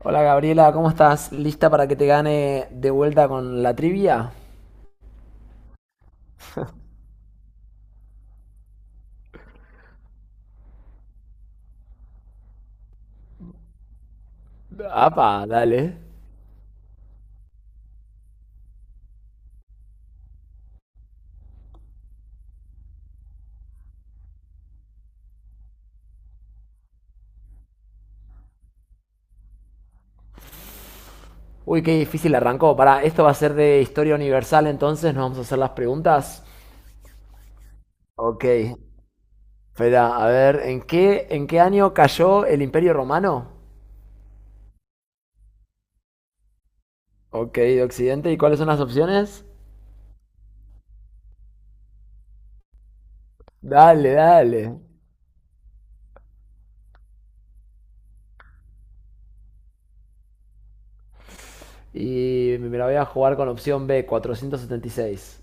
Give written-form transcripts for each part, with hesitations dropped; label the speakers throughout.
Speaker 1: Hola Gabriela, ¿cómo estás? ¿Lista para que te gane de vuelta con la trivia? Apa, dale. Uy, qué difícil arrancó. Para, esto va a ser de historia universal, entonces nos vamos a hacer las preguntas. Ok, espera, a ver, ¿en qué año cayó el Imperio Romano? Ok, de Occidente, ¿y cuáles son las opciones? Dale, dale. Y me la voy a jugar con opción B, 476.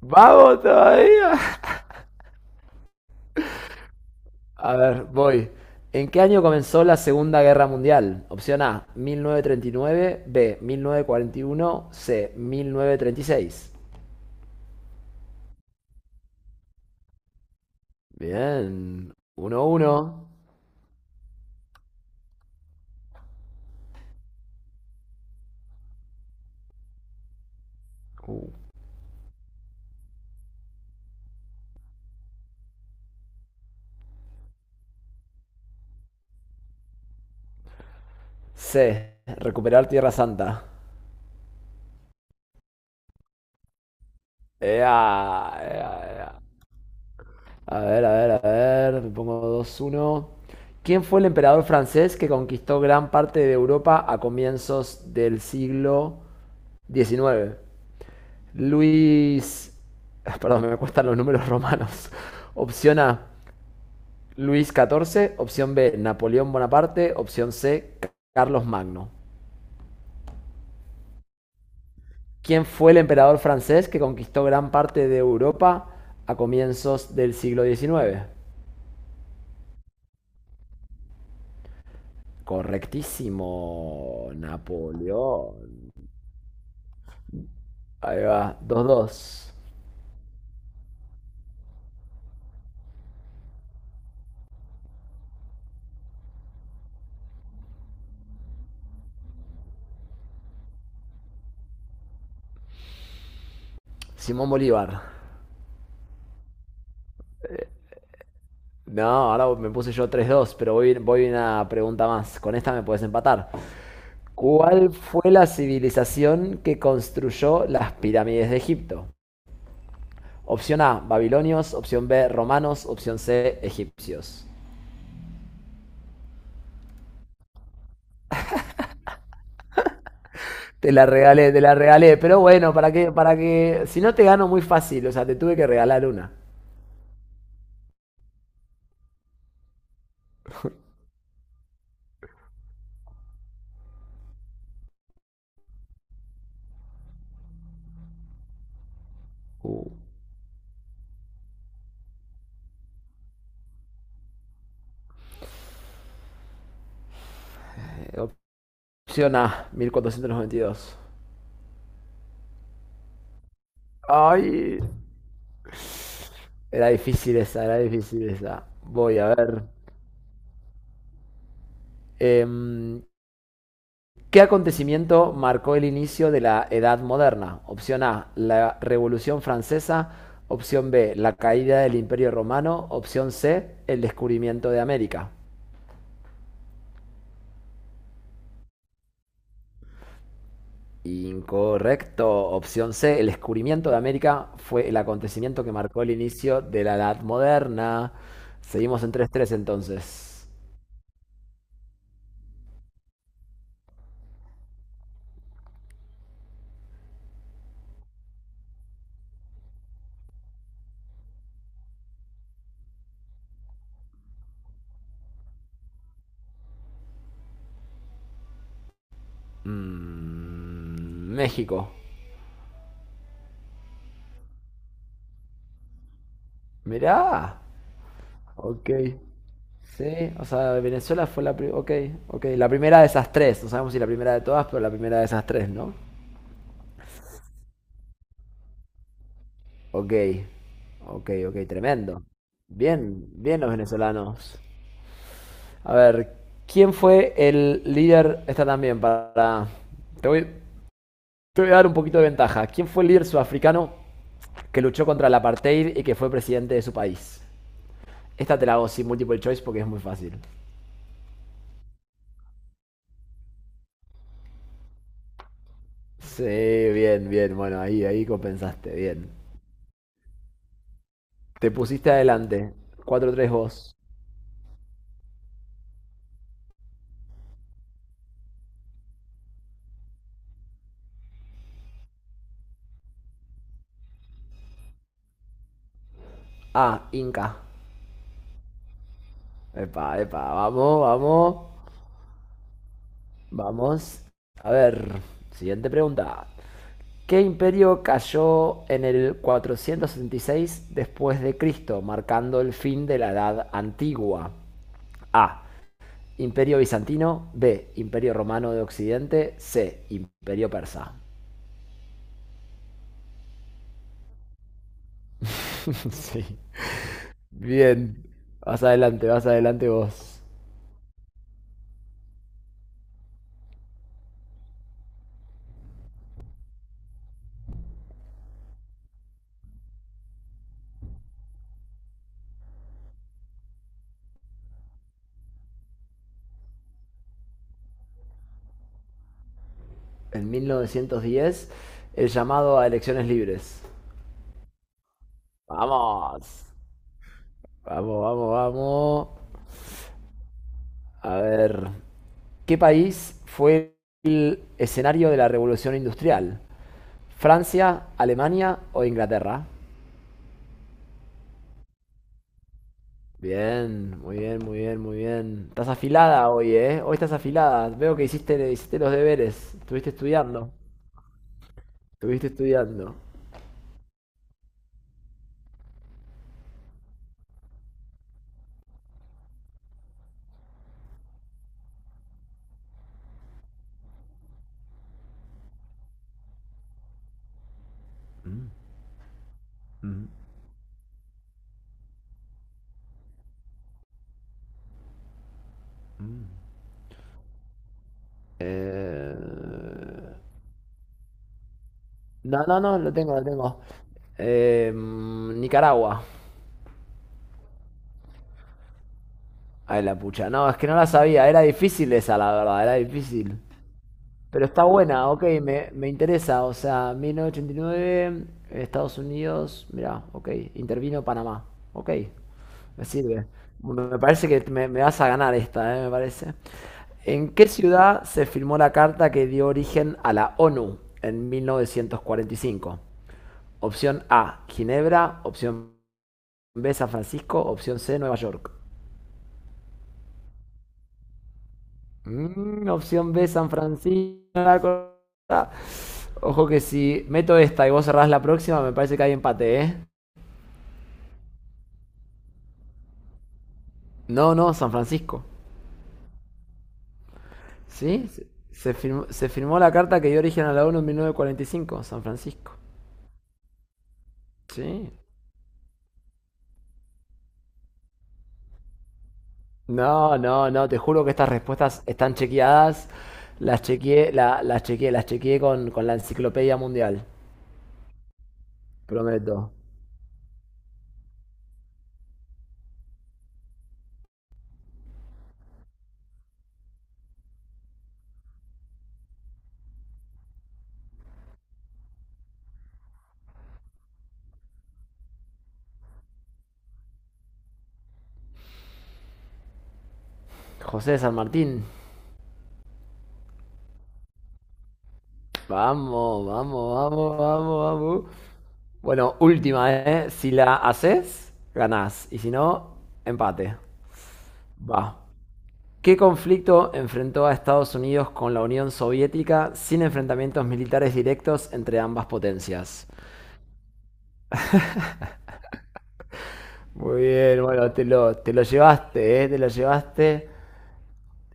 Speaker 1: Vamos todavía. A ver, voy. ¿En qué año comenzó la Segunda Guerra Mundial? Opción A, 1939, B, 1941, C, 1936. Bien, 1-1. Uh. C, recuperar Tierra Santa. Ea, ea, ea. A ver, a ver, a ver, me pongo 2-1. ¿Quién fue el emperador francés que conquistó gran parte de Europa a comienzos del siglo XIX? Luis, ah, perdón, me cuestan los números romanos. Opción A, Luis XIV. Opción B, Napoleón Bonaparte. Opción C, Carlos Magno. ¿Quién fue el emperador francés que conquistó gran parte de Europa a comienzos del siglo XIX? Correctísimo, Napoleón. Ahí va, 2-2. Simón Bolívar. No, ahora me puse yo 3-2, pero voy una pregunta más. Con esta me puedes empatar. ¿Cuál fue la civilización que construyó las pirámides de Egipto? Opción A, babilonios. Opción B, romanos. Opción C, egipcios. Te la regalé, te la regalé. Pero bueno, para que, si no te gano muy fácil, o sea, te tuve que regalar una. Uh, eh, opción A, 1492. Ay, era difícil esa, era difícil esa. Voy a ver. Em, ¿Qué acontecimiento marcó el inicio de la Edad Moderna? Opción A, la Revolución Francesa. Opción B, la caída del Imperio Romano. Opción C, el descubrimiento de América. Incorrecto. Opción C, el descubrimiento de América fue el acontecimiento que marcó el inicio de la Edad Moderna. Seguimos en 3-3 entonces. Mm, México. Mirá. Ok. Sí, o sea, Venezuela fue la primera. Ok, ok. La primera de esas tres. No sabemos si la primera de todas, pero la primera de esas tres, ¿no? Ok, ok, ok. Tremendo. Bien, bien los venezolanos. A ver, ¿quién fue el líder? Esta también para. Te voy, te voy a dar un poquito de ventaja. ¿Quién fue el líder sudafricano que luchó contra el apartheid y que fue presidente de su país? Esta te la hago sin multiple choice porque es muy fácil. Sí, bien, bien. Bueno, ahí, ahí compensaste. Bien. Te pusiste adelante. 4-3 vos. Ah, Inca. Epa, epa, vamos, vamos, vamos. A ver, siguiente pregunta. ¿Qué imperio cayó en el 466 después de Cristo, marcando el fin de la Edad Antigua? A. Imperio bizantino. B. Imperio romano de Occidente. C. Imperio persa. sí. Bien. Vas adelante vos. En 1910 el llamado a elecciones libres. Vamos, vamos, vamos, vamos. A ver, ¿qué país fue el escenario de la revolución industrial? ¿Francia, Alemania o Inglaterra? Bien, muy bien, muy bien, muy bien. Estás afilada hoy, ¿eh? Hoy estás afilada. Veo que hiciste, hiciste los deberes. Estuviste estudiando. Estuviste estudiando. Mm, mm. Eh... No, no, no, lo tengo, lo tengo. Nicaragua. Ay, la pucha. No, es que no la sabía. Era difícil esa, la verdad, era difícil. Pero está buena, ok, me interesa. O sea, 1989, Estados Unidos, mirá, ok. Intervino Panamá. Ok, me sirve. Me parece que me vas a ganar esta, me parece. ¿En qué ciudad se firmó la carta que dio origen a la ONU en 1945? Opción A, Ginebra. Opción B, San Francisco. Opción C, Nueva York. Mm, opción B, San Francisco. Ojo que si meto esta y vos cerrás la próxima, me parece que hay empate, ¿eh? No, no, San Francisco. ¿Sí? Se firmó la carta que dio origen a la ONU en 1945 San Francisco. Sí. No, no, no, te juro que estas respuestas están chequeadas. Las chequeé con la enciclopedia mundial. Prometo. José de San Martín. Vamos, vamos, vamos, vamos, vamos. Bueno, última, ¿eh? Si la haces, ganás. Y si no, empate. Va. ¿Qué conflicto enfrentó a Estados Unidos con la Unión Soviética sin enfrentamientos militares directos entre ambas potencias? Muy bien, bueno, te lo llevaste, ¿eh? Te lo llevaste.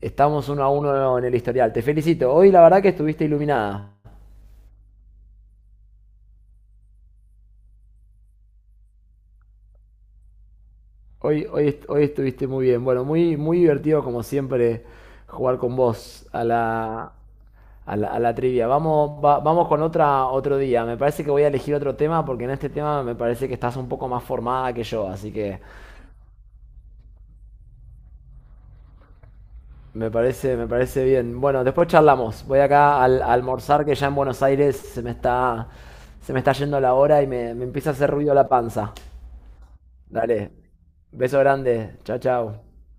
Speaker 1: Estamos 1-1 en el historial. Te felicito. Hoy la verdad que estuviste iluminada. Hoy estuviste muy bien. Bueno, muy, muy divertido como siempre jugar con vos a la, trivia. Vamos, vamos con otra otro día. Me parece que voy a elegir otro tema porque en este tema me parece que estás un poco más formada que yo, así que me parece bien. Bueno, después charlamos. Voy acá a almorzar que ya en Buenos Aires se me está yendo la hora y me empieza a hacer ruido la panza. Dale. Beso grande. Chao, chao.